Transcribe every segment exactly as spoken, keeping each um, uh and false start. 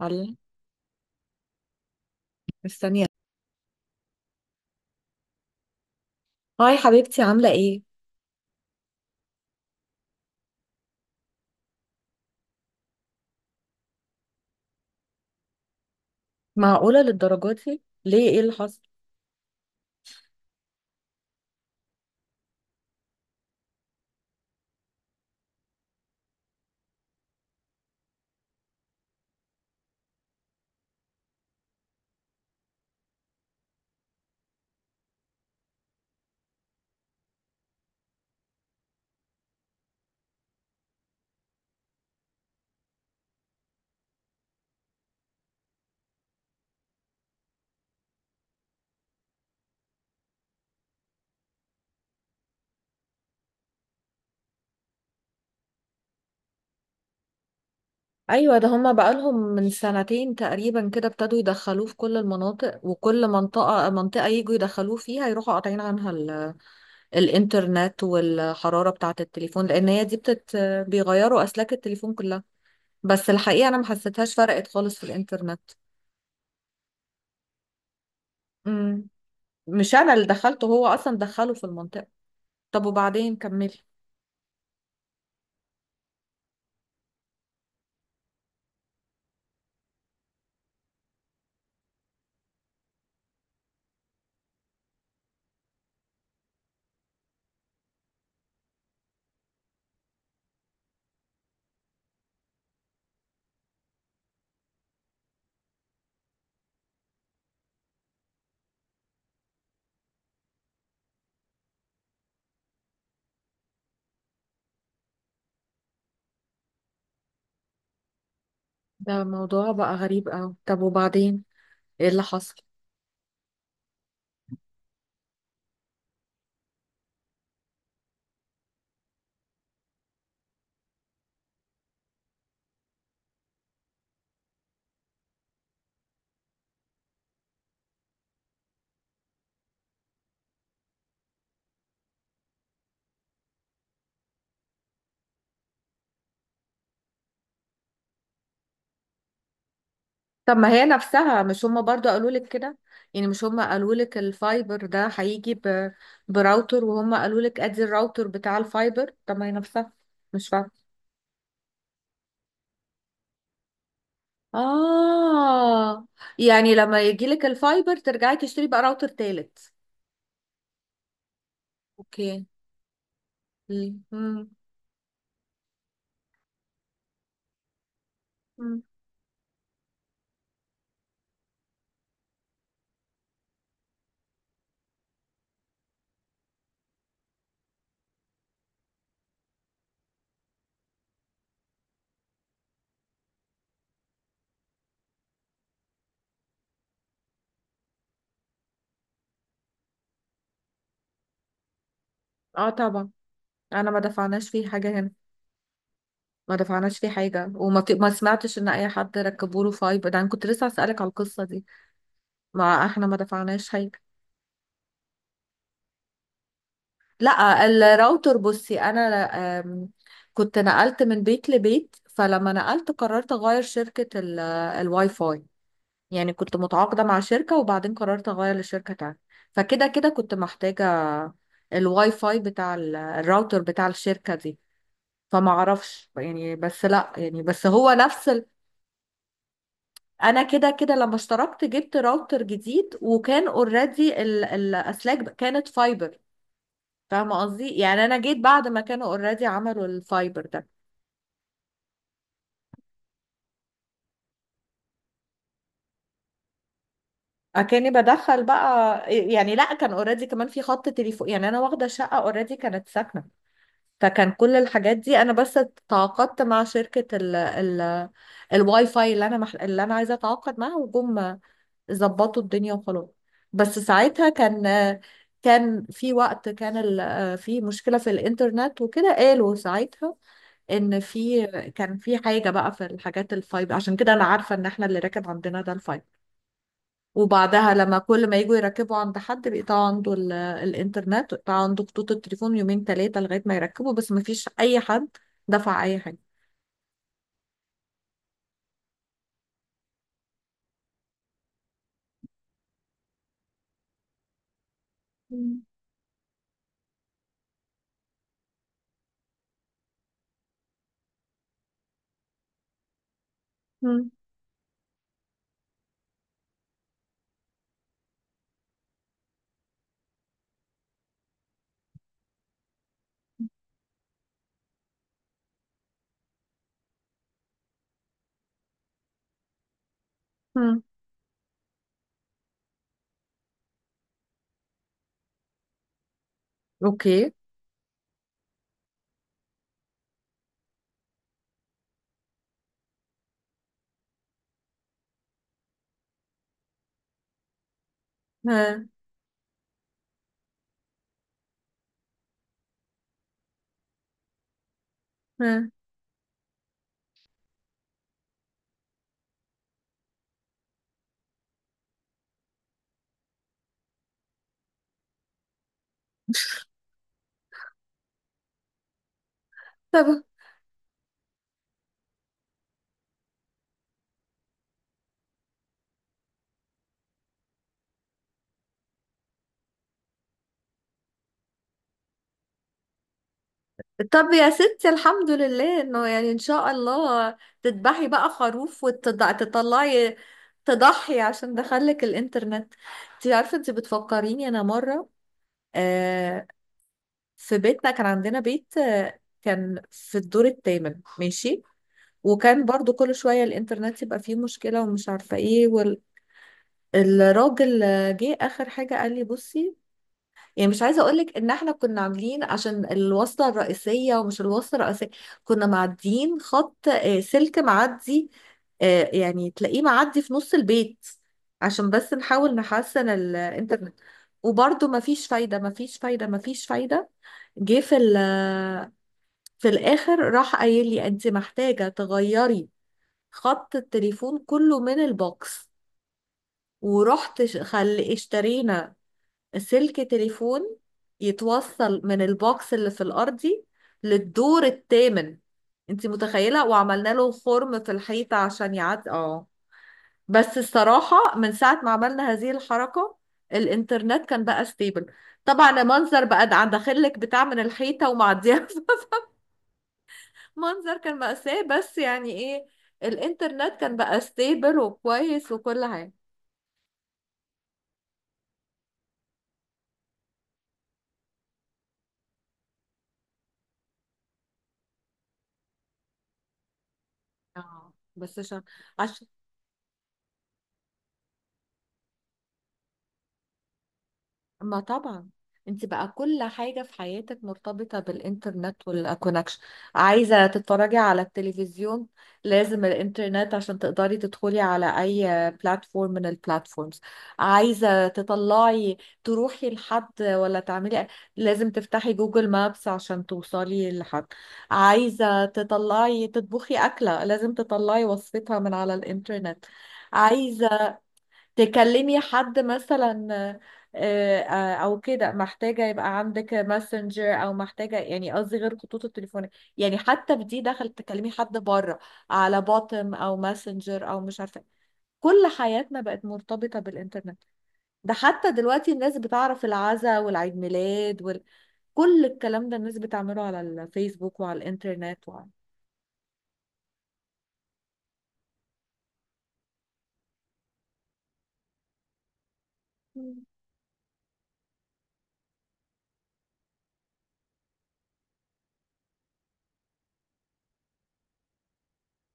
الله. مستنيه. هاي حبيبتي، عامله ايه؟ معقوله للدرجات دي؟ ليه، ايه اللي حصل؟ ايوه، ده هما بقالهم من سنتين تقريبا كده ابتدوا يدخلوه في كل المناطق، وكل منطقه منطقه يجوا يدخلوه فيها، يروحوا قاطعين عنها ال... الانترنت والحراره بتاعه التليفون، لان هي دي بتت... بيغيروا اسلاك التليفون كلها. بس الحقيقه انا ما حسيتهاش فرقت خالص في الانترنت. امم. مش انا اللي دخلته، هو اصلا دخله في المنطقه. طب وبعدين، كملي. ده موضوع بقى غريب قوي. طب وبعدين، ايه اللي حصل؟ طب ما هي نفسها، مش هما برضو قالوا لك كده؟ يعني مش هما قالوا لك الفايبر ده هيجي ب... براوتر؟ وهما قالوا لك ادي الراوتر بتاع الفايبر، طب ما هي نفسها. مش فاهمه. اه. يعني لما يجي لك الفايبر ترجعي تشتري بقى راوتر تالت؟ اوكي. امم. اه طبعا. انا ما دفعناش فيه حاجه هنا. ما دفعناش فيه حاجه، وما ت... ما سمعتش ان اي حد ركبوا له فايبر ده، انا كنت لسه اسالك على القصه دي. ما احنا ما دفعناش حاجه. لا الراوتر، بصي انا آم، كنت نقلت من بيت لبيت، فلما نقلت قررت اغير شركة ال- الواي فاي. يعني كنت متعاقدة مع شركة وبعدين قررت اغير لشركة تانية. فكده كده كنت محتاجة الواي فاي بتاع ال- الراوتر بتاع الشركة دي. فما اعرفش يعني، بس لا، يعني بس هو نفس ال... انا كده كده لما اشتركت جبت راوتر جديد، وكان اوريدي الاسلاك كانت فايبر. فاهمة قصدي؟ يعني انا جيت بعد ما كانوا اوريدي عملوا الفايبر ده. اكاني بدخل بقى. يعني لا، كان اوريدي كمان في خط تليفون، يعني انا واخدة شقة اوريدي كانت ساكنة. فكان كل الحاجات دي، انا بس تعاقدت مع شركة ال ال الواي فاي اللي انا مح... اللي انا عايزة اتعاقد معاها، وجم ظبطوا الدنيا وخلاص. بس ساعتها كان، كان في وقت، كان ال- في مشكلة في الانترنت وكده. قالوا ساعتها ان في، كان في حاجه بقى في الحاجات الفايب، عشان كده انا عارفه ان احنا اللي راكب عندنا ده الفايب. وبعدها لما كل ما يجوا يركبوا عند حد بيقطع عنده ال- الانترنت، ويقطع عنده خطوط التليفون يومين ثلاثه لغايه ما يركبوا. بس ما فيش اي حد دفع اي حاجه. مم. مم. مم. اوكي. ها. ها. طب. طب يا ستي، الحمد لله انه يعني، ان شاء الله تذبحي بقى خروف وتطلعي تضحي عشان دخلك الانترنت. انت عارفه انت بتفكريني انا مره. آه. في بيتنا كان عندنا بيت، آه، كان في الدور الثامن، ماشي. وكان برضو كل شويه الانترنت يبقى فيه مشكله ومش عارفه ايه. والراجل جه اخر حاجه قال لي بصي، يعني مش عايزه اقولك ان احنا كنا عاملين عشان الوصله الرئيسيه ومش الوصله الرئيسيه. كنا معديين خط، آه، سلك معدي، آه، يعني تلاقيه معدي في نص البيت عشان بس نحاول نحسن الانترنت. وبرضه مفيش فايده، مفيش فايده، مفيش فايده. جه في ال- في الاخر راح قايل لي: انت محتاجه تغيري خط التليفون كله من البوكس. ورحت ش- خل... اشترينا سلك تليفون يتوصل من البوكس اللي في الأرضي للدور الثامن. انت متخيلة؟ وعملنا له خرم في الحيطة عشان يعدي، اه. بس الصراحة من ساعة ما عملنا هذه الحركة، الإنترنت كان بقى ستيبل. طبعا المنظر بقى ده عند داخلك بتاع من الحيطة ومعديها، منظر كان مأساة، بس يعني ايه، الإنترنت كان بقى ستيبل وكويس وكل حاجة. اه بس عشان، عشان ما، طبعا انت بقى كل حاجة في حياتك مرتبطة بالانترنت والكونكشن. عايزة تتفرجي على التلفزيون، لازم الانترنت عشان تقدري تدخلي على اي بلاتفورم من البلاتفورمز. عايزة تطلعي تروحي لحد ولا تعملي، لازم تفتحي جوجل مابس عشان توصلي لحد. عايزة تطلعي تطبخي أكلة، لازم تطلعي وصفتها من على الانترنت. عايزة تكلمي حد مثلا، آه، آه، او كده، محتاجة يبقى عندك ماسنجر، او محتاجة، يعني قصدي غير خطوط التليفون، يعني حتى في دي دخل تكلمي حد بره على بوتم او ماسنجر او مش عارفة. كل حياتنا بقت مرتبطة بالإنترنت. ده حتى دلوقتي الناس بتعرف العزا والعيد ميلاد وكل الكلام ده الناس بتعمله على الفيسبوك وعلى الإنترنت وعلى... مم.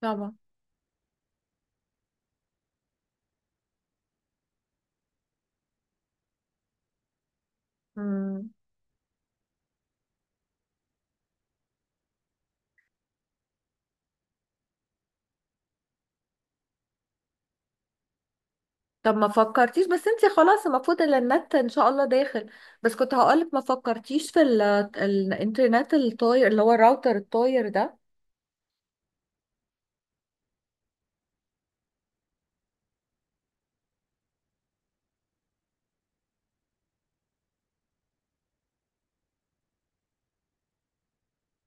طبعا. مم. طب ما فكرتيش بس انتي، خلاص المفروض ان النت ان شاء الله داخل، بس كنت هقولك ما فكرتيش في ال... الانترنت الطاير، اللي هو الراوتر الطاير ده.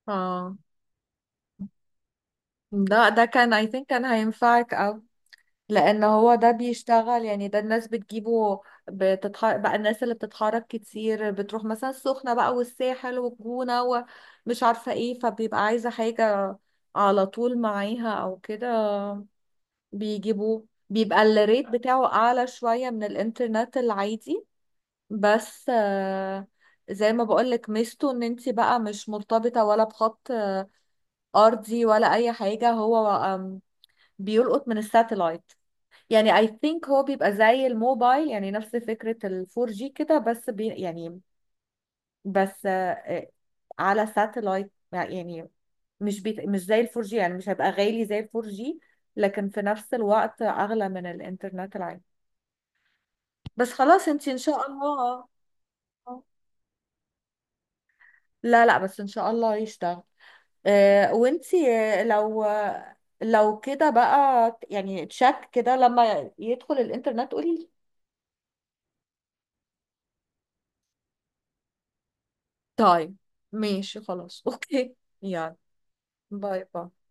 اه. ده ده كان I think كان هينفعك، او لان هو ده بيشتغل. يعني ده الناس بتجيبه، بتتحرك بقى، الناس اللي بتتحرك كتير بتروح مثلا السخنة بقى والساحل والجونة ومش عارفة ايه، فبيبقى عايزة حاجة على طول معاها او كده. بيجيبوه، بيبقى الريت بتاعه أعلى شوية من الإنترنت العادي. بس آه، زي ما بقولك، ميزته إن انت بقى مش مرتبطة ولا بخط آه، أرضي ولا أي حاجة. هو آم، بيلقط من الساتلايت. يعني I think هو بيبقى زي الموبايل، يعني نفس فكرة الفور جي كده، بس بي يعني، بس آه، آه، على ساتلايت يعني. مش بيت... مش زي الفور جي، يعني مش هيبقى غالي زي الفور جي، لكن في نفس الوقت أغلى من الإنترنت العادي. بس خلاص انتي ان شاء الله. لا لا بس ان شاء الله يشتغل. اه. وانتي آه، لو آه، لو كده بقى يعني، تشك كده لما يدخل الانترنت قولي لي. طيب. ماشي خلاص. اوكي. يلا باي باي.